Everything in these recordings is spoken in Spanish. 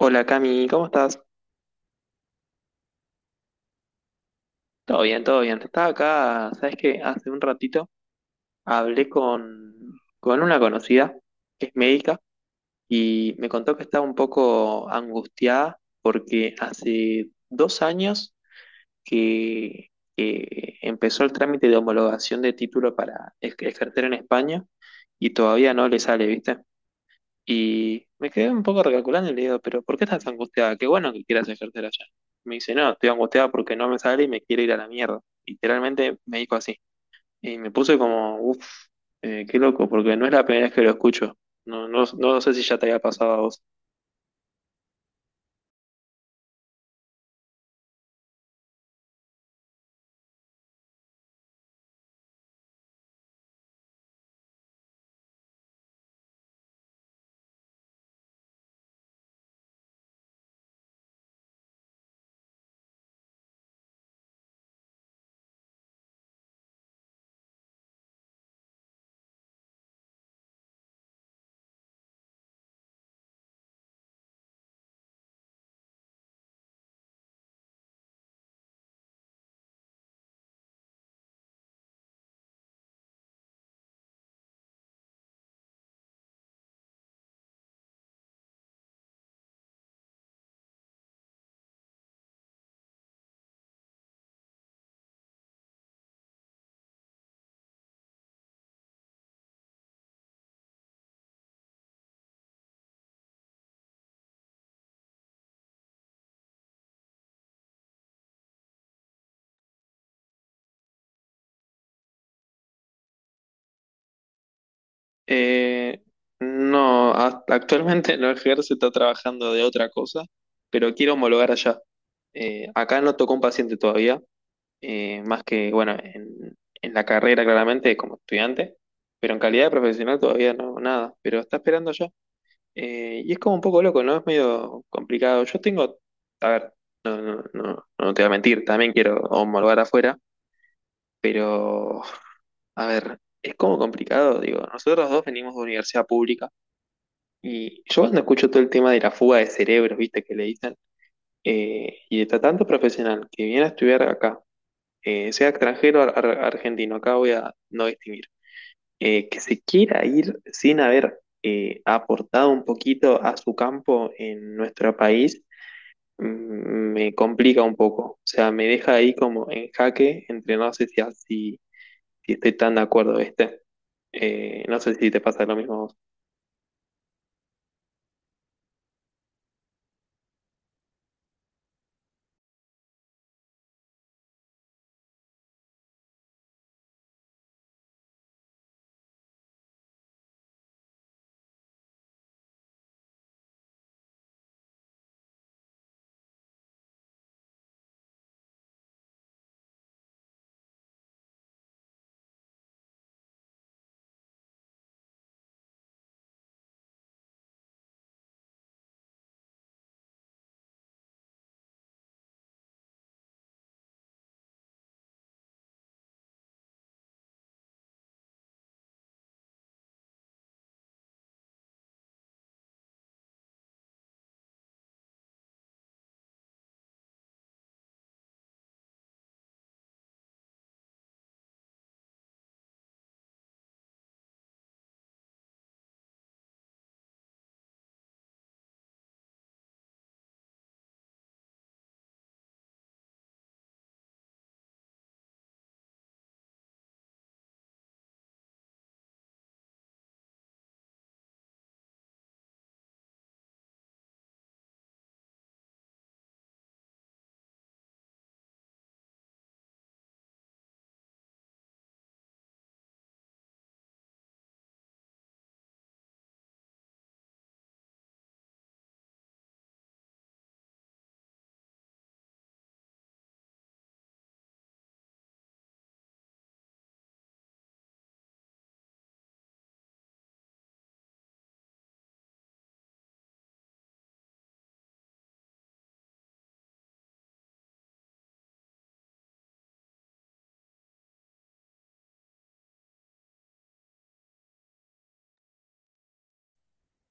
Hola Cami, ¿cómo estás? Todo bien, todo bien. Estaba acá, ¿sabes que hace un ratito hablé con una conocida que es médica y me contó que estaba un poco angustiada porque hace 2 años que, que empezó el trámite de homologación de título para ejercer en España y todavía no le sale, ¿viste? Y me quedé un poco recalculando y le digo, pero ¿por qué estás angustiada? Qué bueno que quieras ejercer allá. Me dice, no, estoy angustiada porque no me sale y me quiero ir a la mierda. Literalmente me dijo así. Y me puse como, qué loco, porque no es la primera vez que lo escucho. No, no, no sé si ya te había pasado a vos. Eh, no, actualmente no ejerce, está trabajando de otra cosa, pero quiero homologar allá. Acá no tocó un paciente todavía, más que, bueno, en la carrera claramente como estudiante, pero en calidad de profesional todavía no, nada, pero está esperando ya. Y es como un poco loco, ¿no? Es medio complicado. Yo tengo, a ver, no, no, no te voy a mentir, también quiero homologar afuera, pero, a ver, es como complicado, digo, nosotros dos venimos de universidad pública y yo cuando escucho todo el tema de la fuga de cerebros, viste, que le dicen, y de tanto profesional que viene a estudiar acá sea extranjero o argentino, acá voy a no distinguir, que se quiera ir sin haber aportado un poquito a su campo en nuestro país, mm, me complica un poco. O sea, me deja ahí como en jaque entre no sé si, si si estoy tan de acuerdo, ¿viste? No sé si te pasa lo mismo a vos.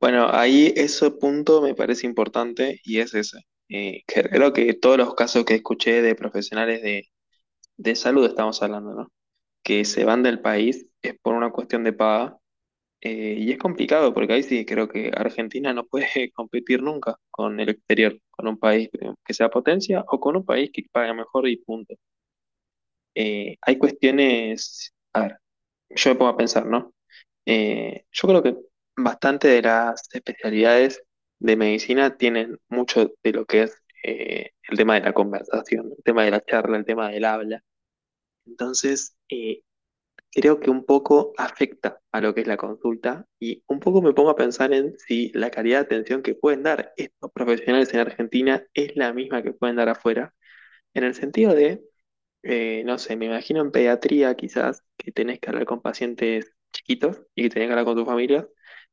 Bueno, ahí ese punto me parece importante y es ese. Que creo que todos los casos que escuché de profesionales de salud estamos hablando, ¿no? Que se van del país es por una cuestión de paga. Y es complicado porque ahí sí creo que Argentina no puede competir nunca con el exterior, con un país que sea potencia o con un país que pague mejor y punto. Hay cuestiones, a ver, yo me pongo a pensar, ¿no? Yo creo que bastante de las especialidades de medicina tienen mucho de lo que es el tema de la conversación, el tema de la charla, el tema del habla. Entonces, creo que un poco afecta a lo que es la consulta y un poco me pongo a pensar en si la calidad de atención que pueden dar estos profesionales en Argentina es la misma que pueden dar afuera, en el sentido de no sé, me imagino en pediatría quizás que tenés que hablar con pacientes chiquitos y que tenés que hablar con tu familia,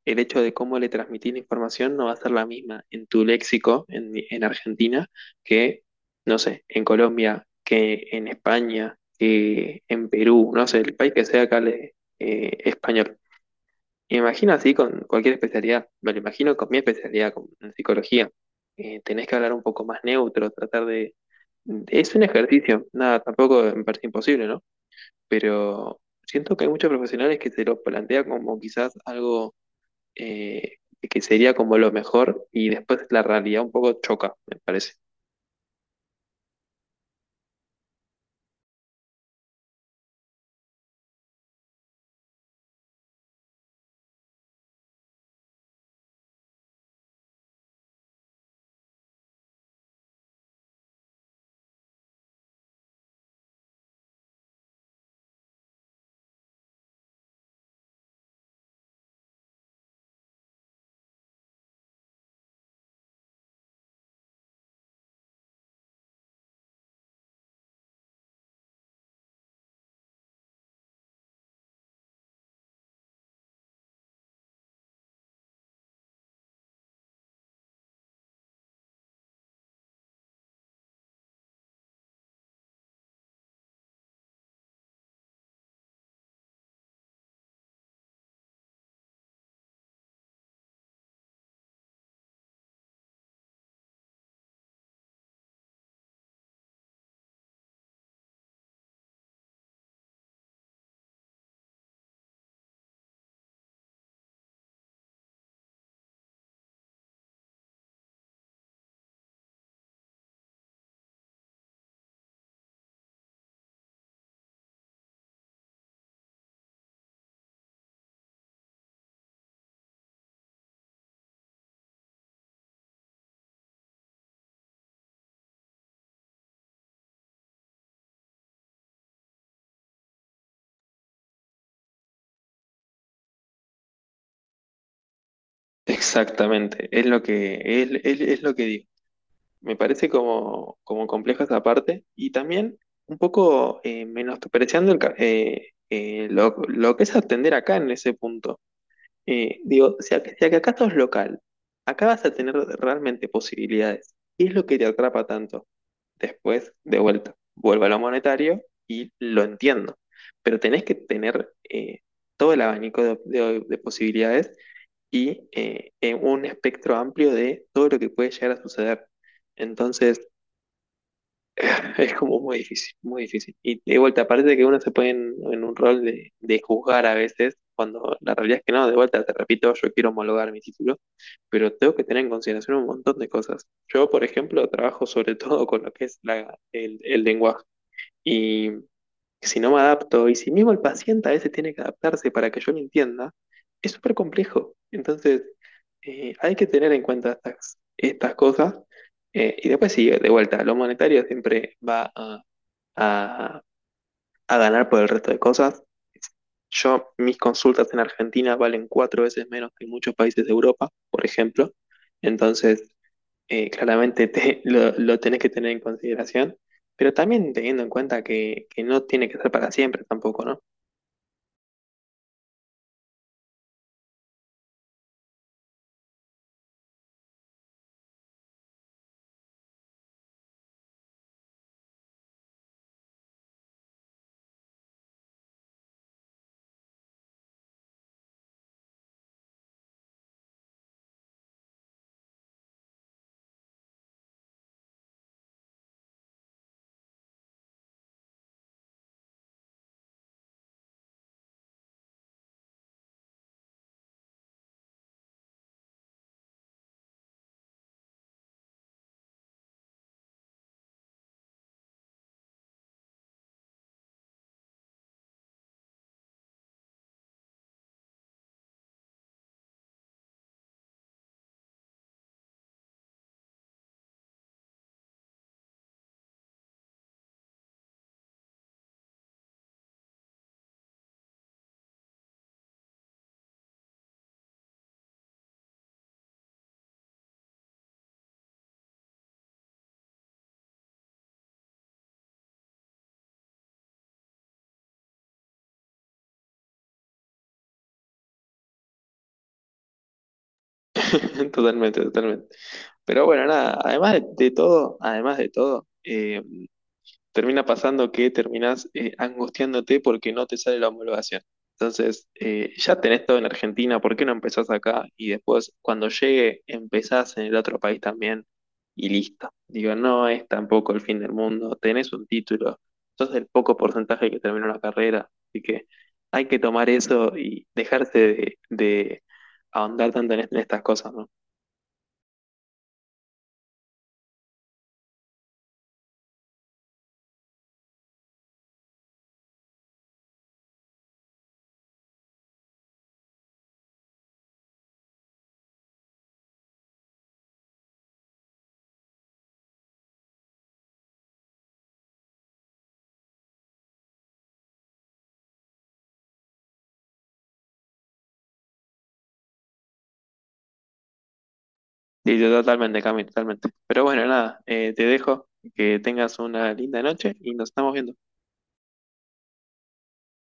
el hecho de cómo le transmitís la información no va a ser la misma en tu léxico en Argentina que, no sé, en Colombia, que en España, que en Perú, no sé, el país que sea que hable español. Y me imagino así con cualquier especialidad, me lo imagino con mi especialidad, con en psicología. Tenés que hablar un poco más neutro, tratar de es un ejercicio, nada, tampoco me parece imposible, ¿no? Pero siento que hay muchos profesionales que se lo plantea como quizás algo eh, que sería como lo mejor y después la realidad un poco choca, me parece. Exactamente, es lo que, es es lo que digo. Me parece como, como compleja esa parte y también un poco menospreciando el lo que es atender acá en ese punto. Digo, si, si acá sos local, acá vas a tener realmente posibilidades. ¿Qué es lo que te atrapa tanto? Después, de vuelta, vuelvo a lo monetario y lo entiendo, pero tenés que tener todo el abanico de posibilidades y un espectro amplio de todo lo que puede llegar a suceder. Entonces, es como muy difícil, muy difícil. Y de vuelta, parece que uno se pone en un rol de juzgar a veces, cuando la realidad es que no, de vuelta, te repito, yo quiero homologar mi título, pero tengo que tener en consideración un montón de cosas. Yo, por ejemplo, trabajo sobre todo con lo que es el lenguaje. Y si no me adapto, y si mismo el paciente a veces tiene que adaptarse para que yo lo entienda, es súper complejo. Entonces, hay que tener en cuenta estas cosas. Y después sí, de vuelta, lo monetario siempre va a a, a ganar por el resto de cosas. Yo, mis consultas en Argentina valen 4 veces menos que en muchos países de Europa, por ejemplo. Entonces, claramente lo tenés que tener en consideración, pero también teniendo en cuenta que no tiene que ser para siempre tampoco, ¿no? Totalmente, totalmente. Pero bueno, nada, además de todo, además de todo, termina pasando que terminás angustiándote porque no te sale la homologación. Entonces, ya tenés todo en Argentina, ¿por qué no empezás acá? Y después, cuando llegue, empezás en el otro país también y listo. Digo, no es tampoco el fin del mundo, tenés un título, sos el poco porcentaje que termina una carrera, así que hay que tomar eso y dejarse de ahondar tanto en estas cosas, ¿no? Sí, sí, totalmente, Cami, totalmente. Pero bueno, nada, te dejo, que tengas una linda noche y nos estamos viendo.